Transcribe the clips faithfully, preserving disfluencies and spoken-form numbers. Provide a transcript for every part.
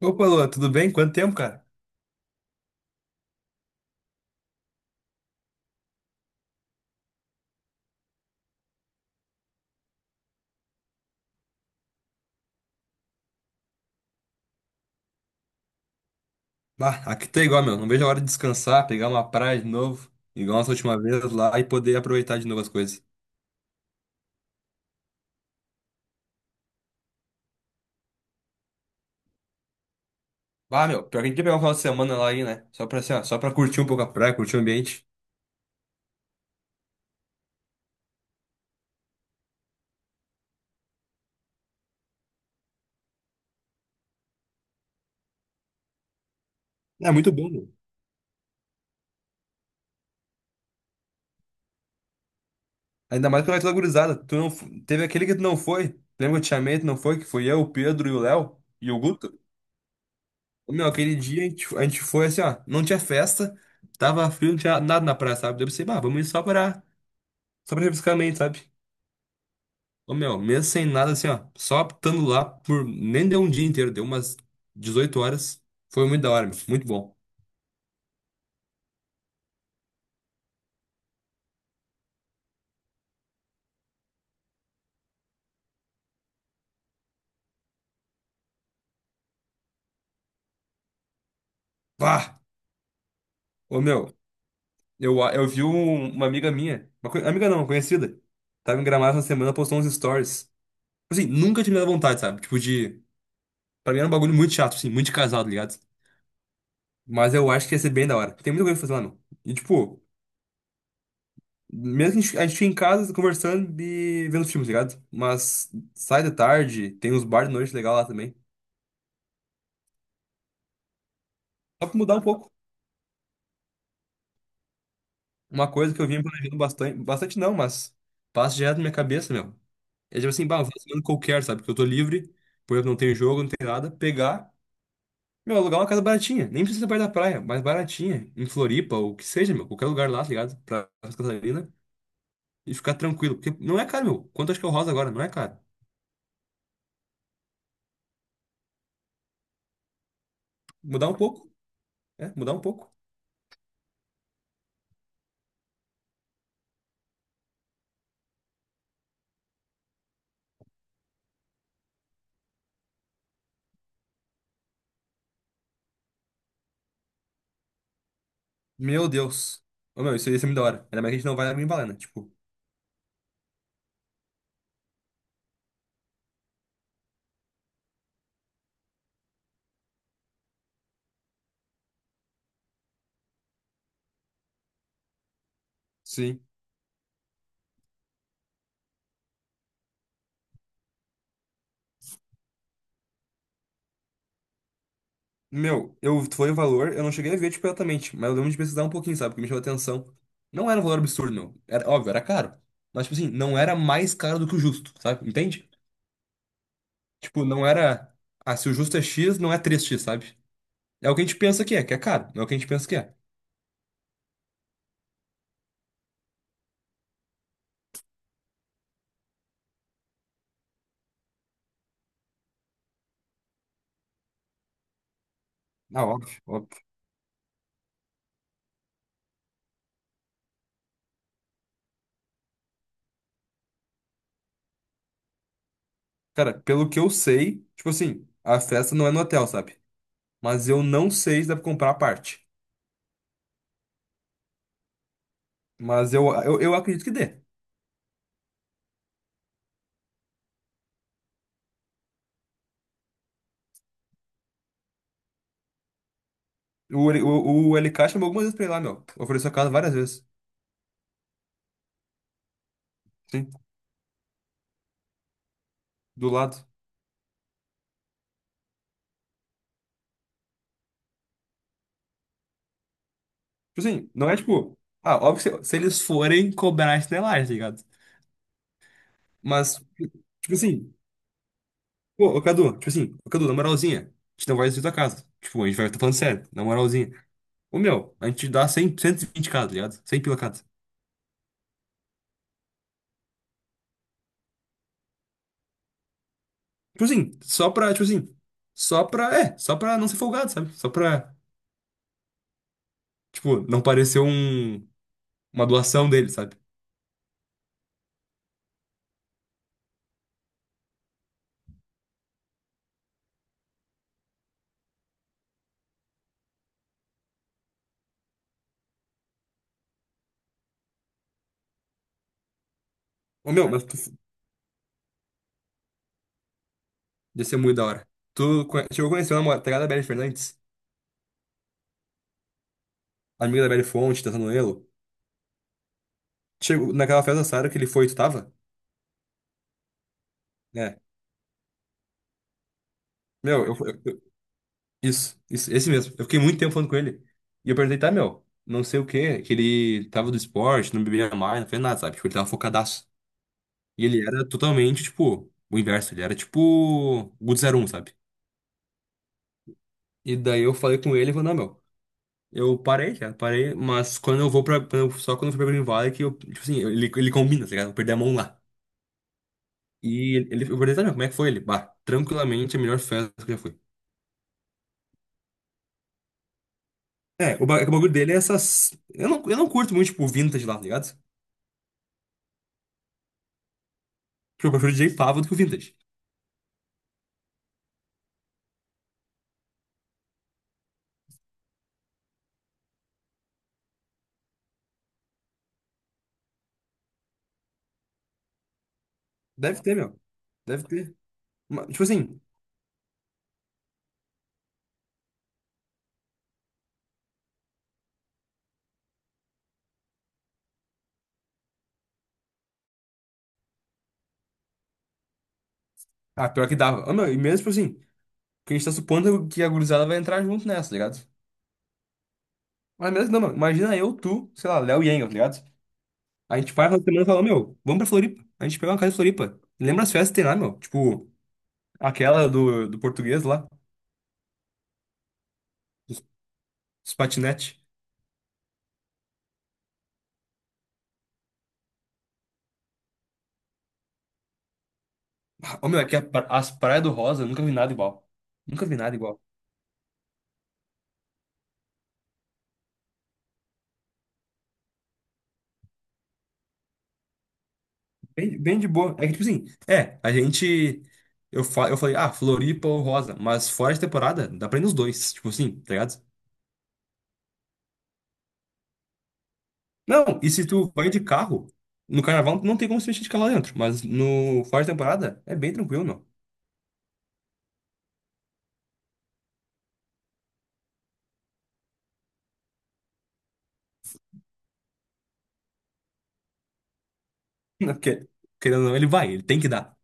Opa, Lua, tudo bem? Quanto tempo, cara? Bah, aqui tá igual, meu. Não vejo a hora de descansar, pegar uma praia de novo, igual nossa última vez lá e poder aproveitar de novo as coisas. Ah, meu, pior que a gente ia pegar um final de semana lá aí, né? Só pra, assim, ó, só pra curtir um pouco a praia, curtir o ambiente. É muito bom, meu. Ainda mais que vai toda gurizada. Tu não... f- Teve aquele que tu não foi. Lembra que eu te chamei, tu não foi? Que foi eu, o Pedro e o Léo e o Guto. Ô, meu, aquele dia a gente, a gente foi assim, ó. Não tinha festa, tava frio, não tinha nada na praia, sabe? Daí eu pensei, bah, vamos ir só pra, só pra refrescar a mente, sabe? Ô, meu, mesmo sem nada, assim, ó, só apitando lá por. Nem deu um dia inteiro, deu umas dezoito horas. Foi muito da hora, meu, muito bom. Pá! Ô, meu, eu, eu vi um- uma amiga minha, uma co- amiga não, uma conhecida, tava em Gramado essa semana, postou uns stories. Assim, nunca tinha me dado vontade, sabe? Tipo, de. Pra mim era um bagulho muito chato, assim, muito de casado, tá ligado? Mas eu acho que ia ser bem da hora. Tem muita coisa pra fazer lá, meu. E, tipo, mesmo que a gente, a gente fique em casa conversando e vendo filmes, tá ligado? Mas sai de tarde, tem uns bar de noite legal lá também. Só pra mudar um pouco. Uma coisa que eu vim planejando bastante, bastante não, mas passa direto na minha cabeça, meu. É tipo assim, bah, um final de semana qualquer, sabe? Porque eu tô livre, porque eu não tenho jogo, não tenho nada. Pegar, meu, alugar uma casa baratinha. Nem precisa ser perto da praia, mas baratinha. Em Floripa, ou o que seja, meu. Qualquer lugar lá, tá ligado? Pra Santa Catarina. E ficar tranquilo. Porque não é caro, meu. Quanto acho que é o Rosa agora? Não é caro. Mudar um pouco. É, mudar um pouco. Meu Deus. Ô, meu, isso ia ser muito da hora. Ainda mais que a gente não vai lá em Balena, tipo. Sim. Meu, eu foi o valor, eu não cheguei a ver, tipo, exatamente, mas eu lembro de pesquisar um pouquinho, sabe? Porque me chamou a atenção. Não era um valor absurdo, meu. Era, óbvio, era caro. Mas, tipo assim, não era mais caro do que o justo, sabe? Entende? Tipo, não era. Ah, se o justo é X, não é três x, sabe? É o que a gente pensa que é, que é caro. Não é o que a gente pensa que é. Ah, óbvio, óbvio. Cara, pelo que eu sei, tipo assim, a festa não é no hotel, sabe? Mas eu não sei se dá pra comprar a parte. Mas eu, eu, eu acredito que dê. O, L- o, o L K chamou algumas vezes pra ir lá, meu. Ofereceu a casa várias vezes. Sim, do lado. Tipo assim, não é tipo. Ah, óbvio que se, se eles forem cobrar estelagem, tá ligado? Mas, tipo assim, pô, ô Cadu, tipo assim, ô Cadu, na moralzinha, a gente não vai destruir tua casa. Tipo, a gente vai, tá falando sério, na moralzinha. Ô, meu, a gente dá cem, cento e vinte cada, tá ligado? cem pila cada. Tipo assim, só pra, tipo assim, só pra, é, só pra não ser folgado, sabe? Só pra, tipo, não parecer um, uma doação dele, sabe? Ô, meu, mas tu, ia ser muito da hora. Tu conhe- chegou a conhecer a namorada da Belle Fernandes? Amiga da Belle Fonte, da Sanoelo? Chegou naquela festa da Sarah que ele foi, tu tava? É. Meu, eu, eu- eu- isso, isso, esse mesmo. Eu fiquei muito tempo falando com ele. E eu perguntei, tá, meu, não sei o quê, que ele tava do esporte, não bebia mais, não fez nada, sabe? Tipo, ele tava focadaço. E ele era totalmente, tipo, o inverso, ele era tipo o zero um, sabe? E daí eu falei com ele e falei, não, meu, eu parei, cara, parei, mas quando eu vou pra. Quando eu- Só quando eu fui pra Green Valley que eu, tipo assim, ele, ele combina, tá ligado? Eu perdi a mão lá. E ele, eu perguntei, tá, meu, como é que foi ele? Bah, tranquilamente a melhor festa que eu já fui. É, o, ba- o bagulho dele é essas. Eu não, eu não curto muito, tipo, o vintage lá, tá ligado? Porque eu prefiro o D J Pavo do que o vintage. Deve ter, meu. Deve ter. Mas, tipo assim, ah, pior que dava. Ah, meu, e mesmo, tipo assim, porque a gente tá supondo que a gurizada vai entrar junto nessa, tá ligado? Mas mesmo não, meu. Imagina eu, tu, sei lá, Léo e Engel, tá ligado? A gente vai na semana e fala, meu, vamos pra Floripa. A gente pega uma casa em Floripa. Lembra as festas que tem lá, meu? Tipo, aquela do, do português lá, dos, dos patinete. Ah, ô, meu, é que a pra- as praias do Rosa, eu nunca vi nada igual. Nunca vi nada igual. Bem, bem de boa. É que, tipo assim, é, a gente. Eu, fa eu falei, ah, Floripa ou Rosa, mas fora de temporada, dá pra ir nos dois, tipo assim, tá ligado? Não, e se tu vai de carro, no carnaval não tem como se mexer de carro lá dentro, mas no fora de temporada é bem tranquilo, não. Não, porque, querendo ou não, ele vai, ele tem que dar.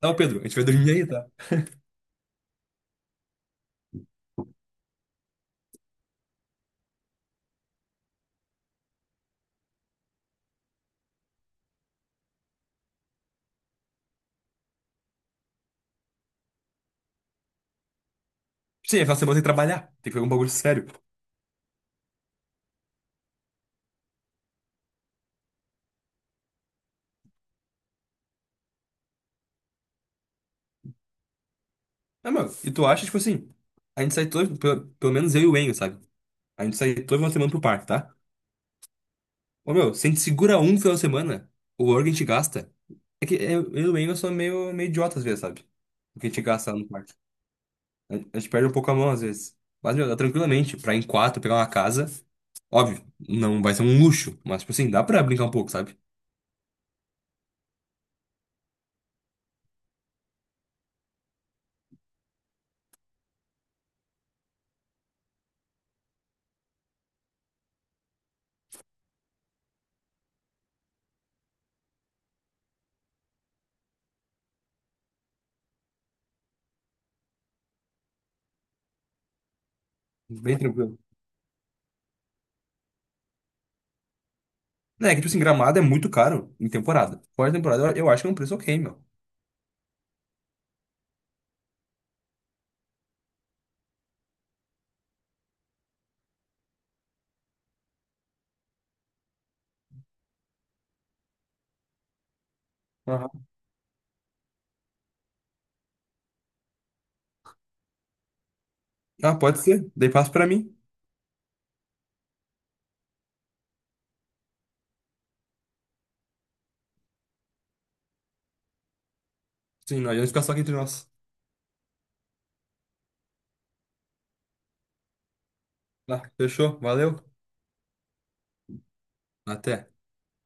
Tá, ô Pedro, a gente vai dormir aí, tá? Sim, aquela semana tem que trabalhar, tem que fazer um bagulho sério. Não, meu, e tu acha, tipo assim, a gente sai todo, pelo, pelo menos eu e o Enio, sabe? A gente sai toda uma semana pro parque, tá? Ô, meu, se a gente segura um final de semana, o valor que a gente gasta. É que é, eu, e o Engel sou meio, meio idiota às vezes, sabe? O que a gente gasta no quarto. A, a gente perde um pouco a mão às vezes. Mas, meu, dá tranquilamente pra ir em quatro pegar uma casa. Óbvio, não vai ser um luxo, mas, tipo assim, dá pra brincar um pouco, sabe? Bem tranquilo. É que, tipo assim, Gramado é muito caro em temporada. Fora de temporada, eu, eu acho que é um preço ok, meu. Aham. Ah, pode ser. Daí passa pra mim. Sim, nós vamos ficar só aqui entre nós. Tá, fechou. Valeu. Até.